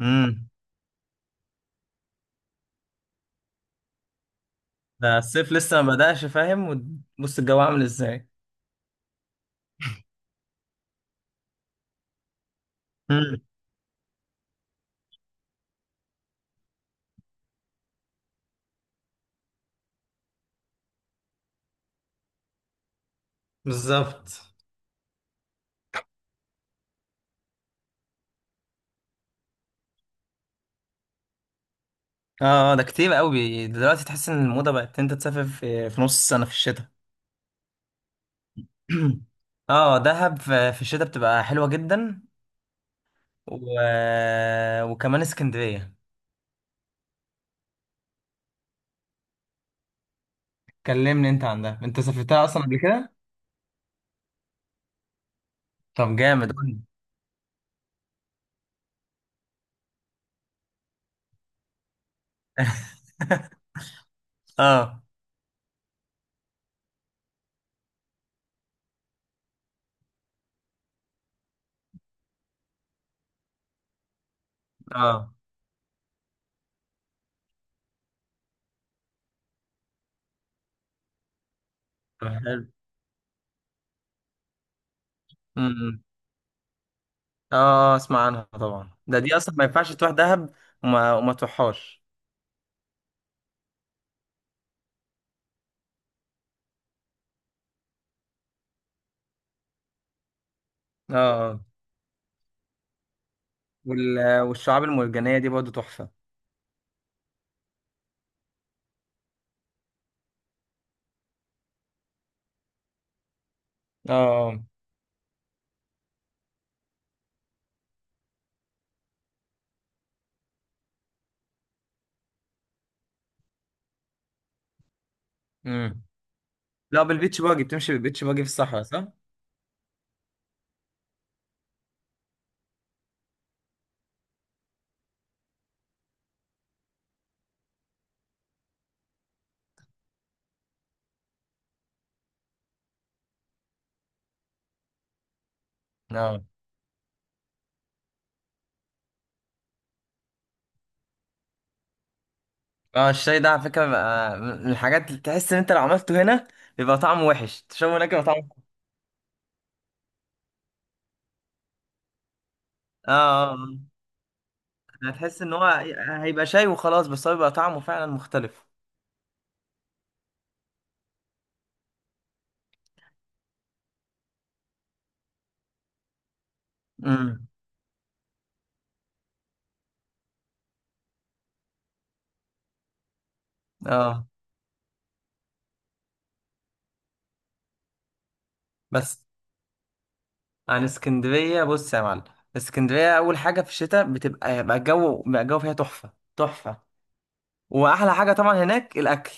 امم ده الصيف لسه ما بدأش فاهم. وبص الجو عامل ازاي. امم بالظبط. اه، ده كتير قوي دلوقتي. تحس ان الموضة بقت إن انت تسافر في نص السنة في الشتاء. اه، دهب في الشتاء بتبقى حلوة جدا. و... وكمان اسكندرية. كلمني انت عن ده، انت سافرتها اصلا قبل كده؟ طب جامد، قولي. اه اه، طب حلو. امم اه، آه، اسمع عنها طبعا، ده دي اصلا ما ينفعش تروح دهب وما تروحهاش. اه آه. والشعاب المرجانية دي برضه تحفة. اه. امم لا، بالبيتش باجي بتمشي، بالبيتش باجي في الصحراء، صح؟ اه. اه، الشاي ده على فكرة بقى من الحاجات اللي تحس ان انت لو عملته هنا بيبقى طعمه وحش، تشربه هناك بيبقى طعمه. اه آه، آه. هتحس ان هو هيبقى شاي وخلاص، بس هو بيبقى طعمه فعلا مختلف. امم اه بس. عن اسكندرية، بص يا معلم. اسكندرية أول حاجة في الشتاء بتبقى بقى الجو، بقى الجو فيها تحفة تحفة. وأحلى حاجة طبعا هناك الأكل.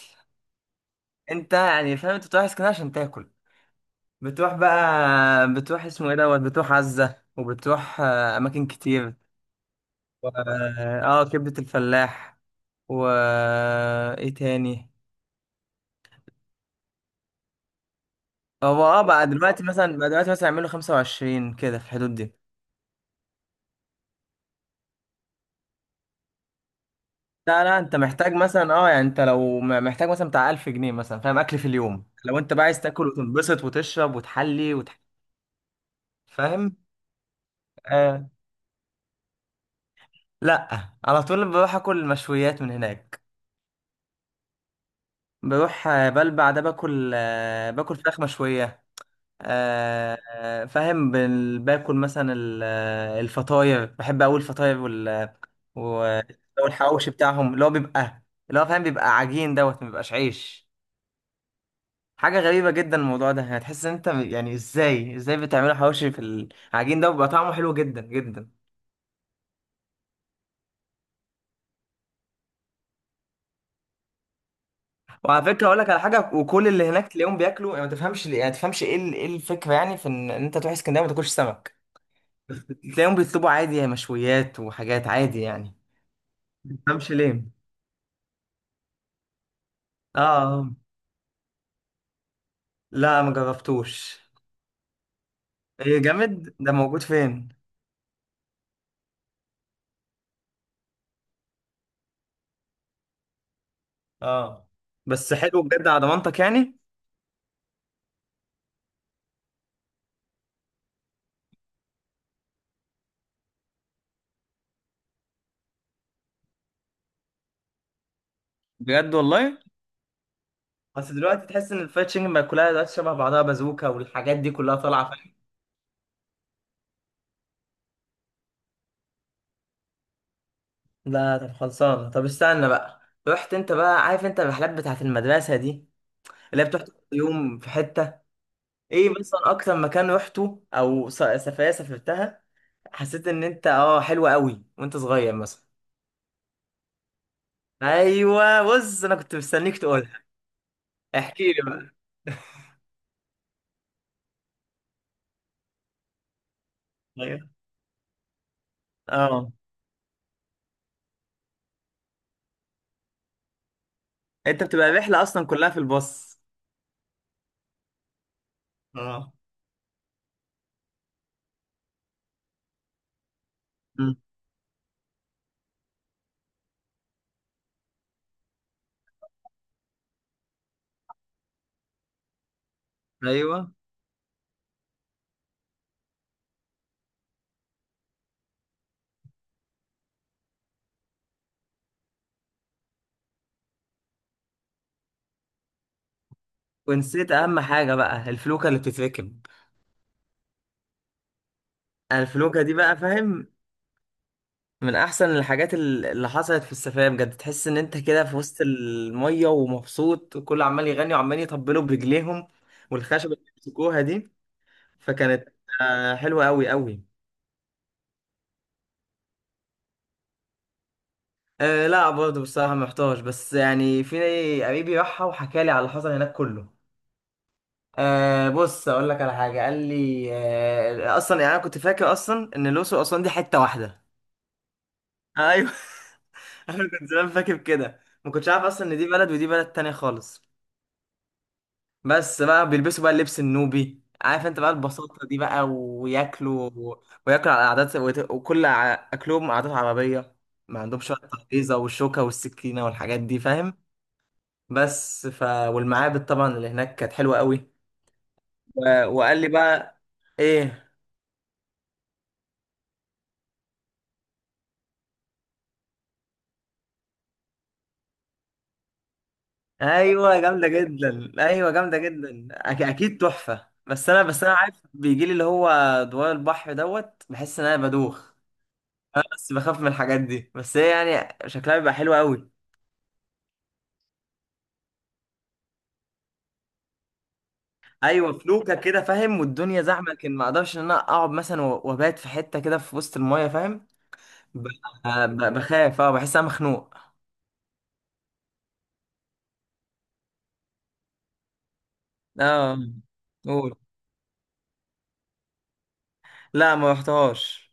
انت يعني فاهم، انت بتروح اسكندريه عشان تاكل. بتروح اسمه ايه دوت، بتروح عزه، وبتروح آه، اماكن كتير. و... اه، كبده الفلاح. و آه، ايه تاني. هو اه بقى دلوقتي مثلا، بقى دلوقتي مثلا يعملوا 25 كده في الحدود دي. لا لا، انت محتاج مثلا، اه يعني انت لو محتاج مثلا بتاع 1000 جنيه مثلا فاهم، اكل في اليوم، لو انت بقى عايز تاكل وتنبسط وتشرب وتحلي فاهم. آه لا، على طول بروح اكل مشويات من هناك. بروح آه، بلبع، ده باكل آه، باكل فراخ مشوية. آه، آه، فاهم. باكل مثلا آه، الفطاير، بحب أوي الفطاير وال و- والحواوشي بتاعهم اللي هو بيبقى، اللي هو فاهم بيبقى عجين دوت ما بيبقاش عيش. حاجة غريبة جدا الموضوع ده. هتحس ان انت يعني ازاي بتعملوا حواوشي في العجين ده، وبيبقى طعمه حلو جدا جدا. وعلى فكرة اقول لك على حاجة، وكل اللي هناك تلاقيهم بياكلوا يعني. ما تفهمش يعني ما تفهمش ايه ايه الفكرة يعني في ان إن انت تروح اسكندرية وما تاكلش سمك. تلاقيهم بيطلبوا عادي يعني مشويات وحاجات عادي يعني. مفهمش ليه. اه آه. لا ما جربتوش. ايه جامد، ده موجود فين؟ اه، بس حلو بجد على ضمانتك يعني. بجد والله. بس دلوقتي تحس ان الفرايد تشيكن بقى كلها دلوقتي شبه بعضها، بازوكا والحاجات دي كلها طالعه فاهم. لا، طب خلصانه، طب استنى بقى. رحت انت بقى؟ عارف انت الرحلات بتاعت المدرسه دي اللي هي بتروح كل يوم في حته؟ ايه مثلا اكتر مكان رحته او سفريه سافرتها، حسيت ان انت اه حلوة قوي وانت صغير مثلا؟ ايوه، بص انا كنت مستنيك تقولها. احكي لي بقى. ايوه. اه، انت بتبقى الرحلة اصلا كلها في الباص. اه. مم. ايوه. ونسيت اهم حاجة بقى، الفلوكة اللي بتتركب. الفلوكة دي بقى فاهم، من احسن الحاجات اللي حصلت في السفرية. بجد تحس ان انت كده في وسط المية ومبسوط، وكل عمال يغني وعمال يطبلوا برجليهم، والخشبة اللي بيمسكوها دي. فكانت آه، حلوة قوي قوي. آه لا، برضه بصراحة محتاج، بس يعني في قريبي راحها وحكى لي على اللي حصل هناك كله. آه، بص أقول لك على حاجة قال لي. آه، أصلا يعني أنا كنت فاكر أصلا إن الأقصر وأسوان دي حتة واحدة. أيوه. أنا كنت زمان فاكر كده، ما كنتش عارف أصلا إن دي بلد ودي بلد تانية خالص. بس بقى بيلبسوا بقى اللبس النوبي، عارف أنت بقى البساطة دي بقى، وياكلوا، وياكلوا على عادات، وكل أكلهم عادات عربية. ما عندهمش بقى التحفيظة والشوكة والسكينة والحاجات دي فاهم. بس ف والمعابد طبعا اللي هناك كانت حلوه قوي. و... وقال لي بقى ايه. ايوه جامده جدا، ايوه جامده جدا، اكيد تحفه. بس انا، بس انا عارف بيجي لي اللي هو دوار البحر دوت، بحس ان انا بدوخ. بس بخاف من الحاجات دي، بس هي يعني شكلها بيبقى حلو قوي. ايوه فلوكه كده فاهم والدنيا زحمه، لكن ما اقدرش ان انا اقعد مثلا وابات في حته كده في وسط المايه فاهم. ب... بخاف. اه بحس إن انا مخنوق. اه. قول. لا ما رحتهاش.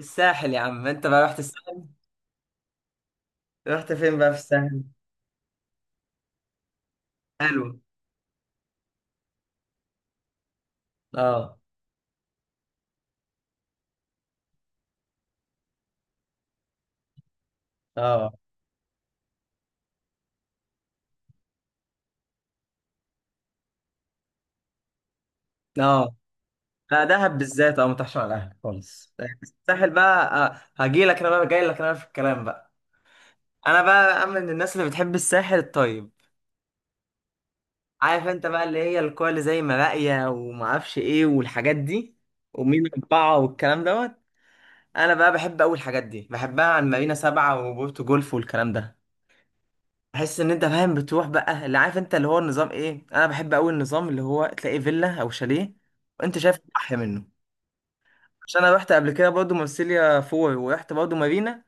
الساحل يا عم. انت بقى رحت الساحل؟ رحت فين بقى في الساحل؟ حلو. اه اه. اه، لا دهب بالذات اه متحش على الاهل خالص. الساحل بقى آه. هجي لك انا بقى، جاي لك انا في الكلام بقى. انا بقى من الناس اللي بتحب الساحل الطيب. عارف انت بقى اللي هي الكوره اللي زي مراقية وما اعرفش ايه والحاجات دي، ومين اربعه والكلام دوت. انا بقى بحب اول الحاجات دي، بحبها عن مارينا سبعة وبورتو جولف والكلام ده. تحس ان انت فاهم بتروح بقى اللي عارف انت اللي هو النظام ايه. انا بحب قوي النظام اللي هو تلاقي فيلا او شاليه وانت شايف احلى منه. عشان انا رحت قبل كده برضه مارسيليا فور ورحت برضه مارينا.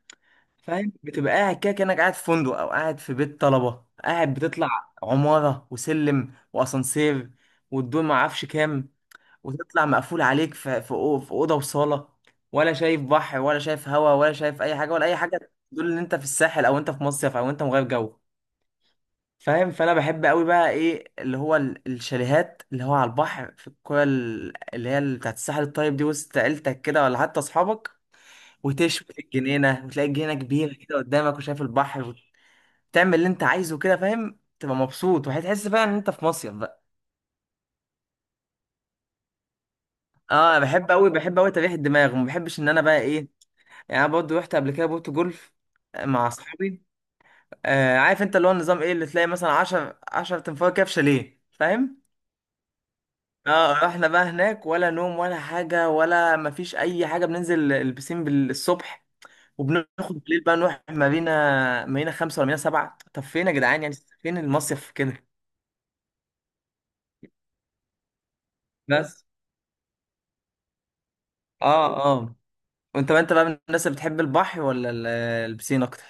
فاهم، بتبقى قاعد كده كانك قاعد في فندق او قاعد في بيت طلبه، قاعد بتطلع عماره وسلم واسانسير والدور ما اعرفش كام، وتطلع مقفول عليك في في اوضه وصاله. ولا شايف بحر ولا شايف هوا ولا شايف اي حاجه، ولا اي حاجه تدل ان انت في الساحل او انت في مصيف او انت مغير جو فاهم. فانا بحب قوي بقى ايه اللي هو الشاليهات اللي هو على البحر في الكوره اللي هي اللي بتاعت الساحل الطيب دي، وسط عيلتك كده ولا حتى اصحابك. وتشوي في الجنينه وتلاقي الجنينه كبيره كده قدامك وشايف البحر، وتعمل اللي انت عايزه كده فاهم، تبقى مبسوط وهتحس فعلا ان انت في مصيف بقى. اه بحب قوي، بحب قوي، تريح الدماغ، وما بحبش ان انا بقى ايه. يعني انا برضه رحت قبل كده بوت جولف آه، مع اصحابي. آه، عارف انت اللي هو النظام ايه، اللي تلاقي مثلا 10 10 تنفار كده في شاليه فاهم. اه، رحنا بقى هناك ولا نوم ولا حاجة ولا مفيش أي حاجة، بننزل البسين بالصبح وبناخد. بالليل بقى نروح مارينا، مارينا خمسة ولا مارينا سبعة؟ طب فين يا جدعان يعني، فين المصيف كده؟ بس. اه. اه. وانت بقى، انت بقى من الناس اللي بتحب البحر ولا البسين أكتر؟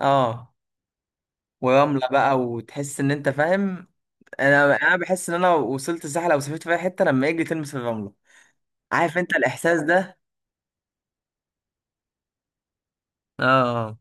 اه، ورملة بقى، وتحس إن أنت فاهم. أنا بحس إن أنا وصلت الساحل أو سافرت في أي حتة لما أجي تلمس الرملة. عارف أنت الإحساس ده. اه.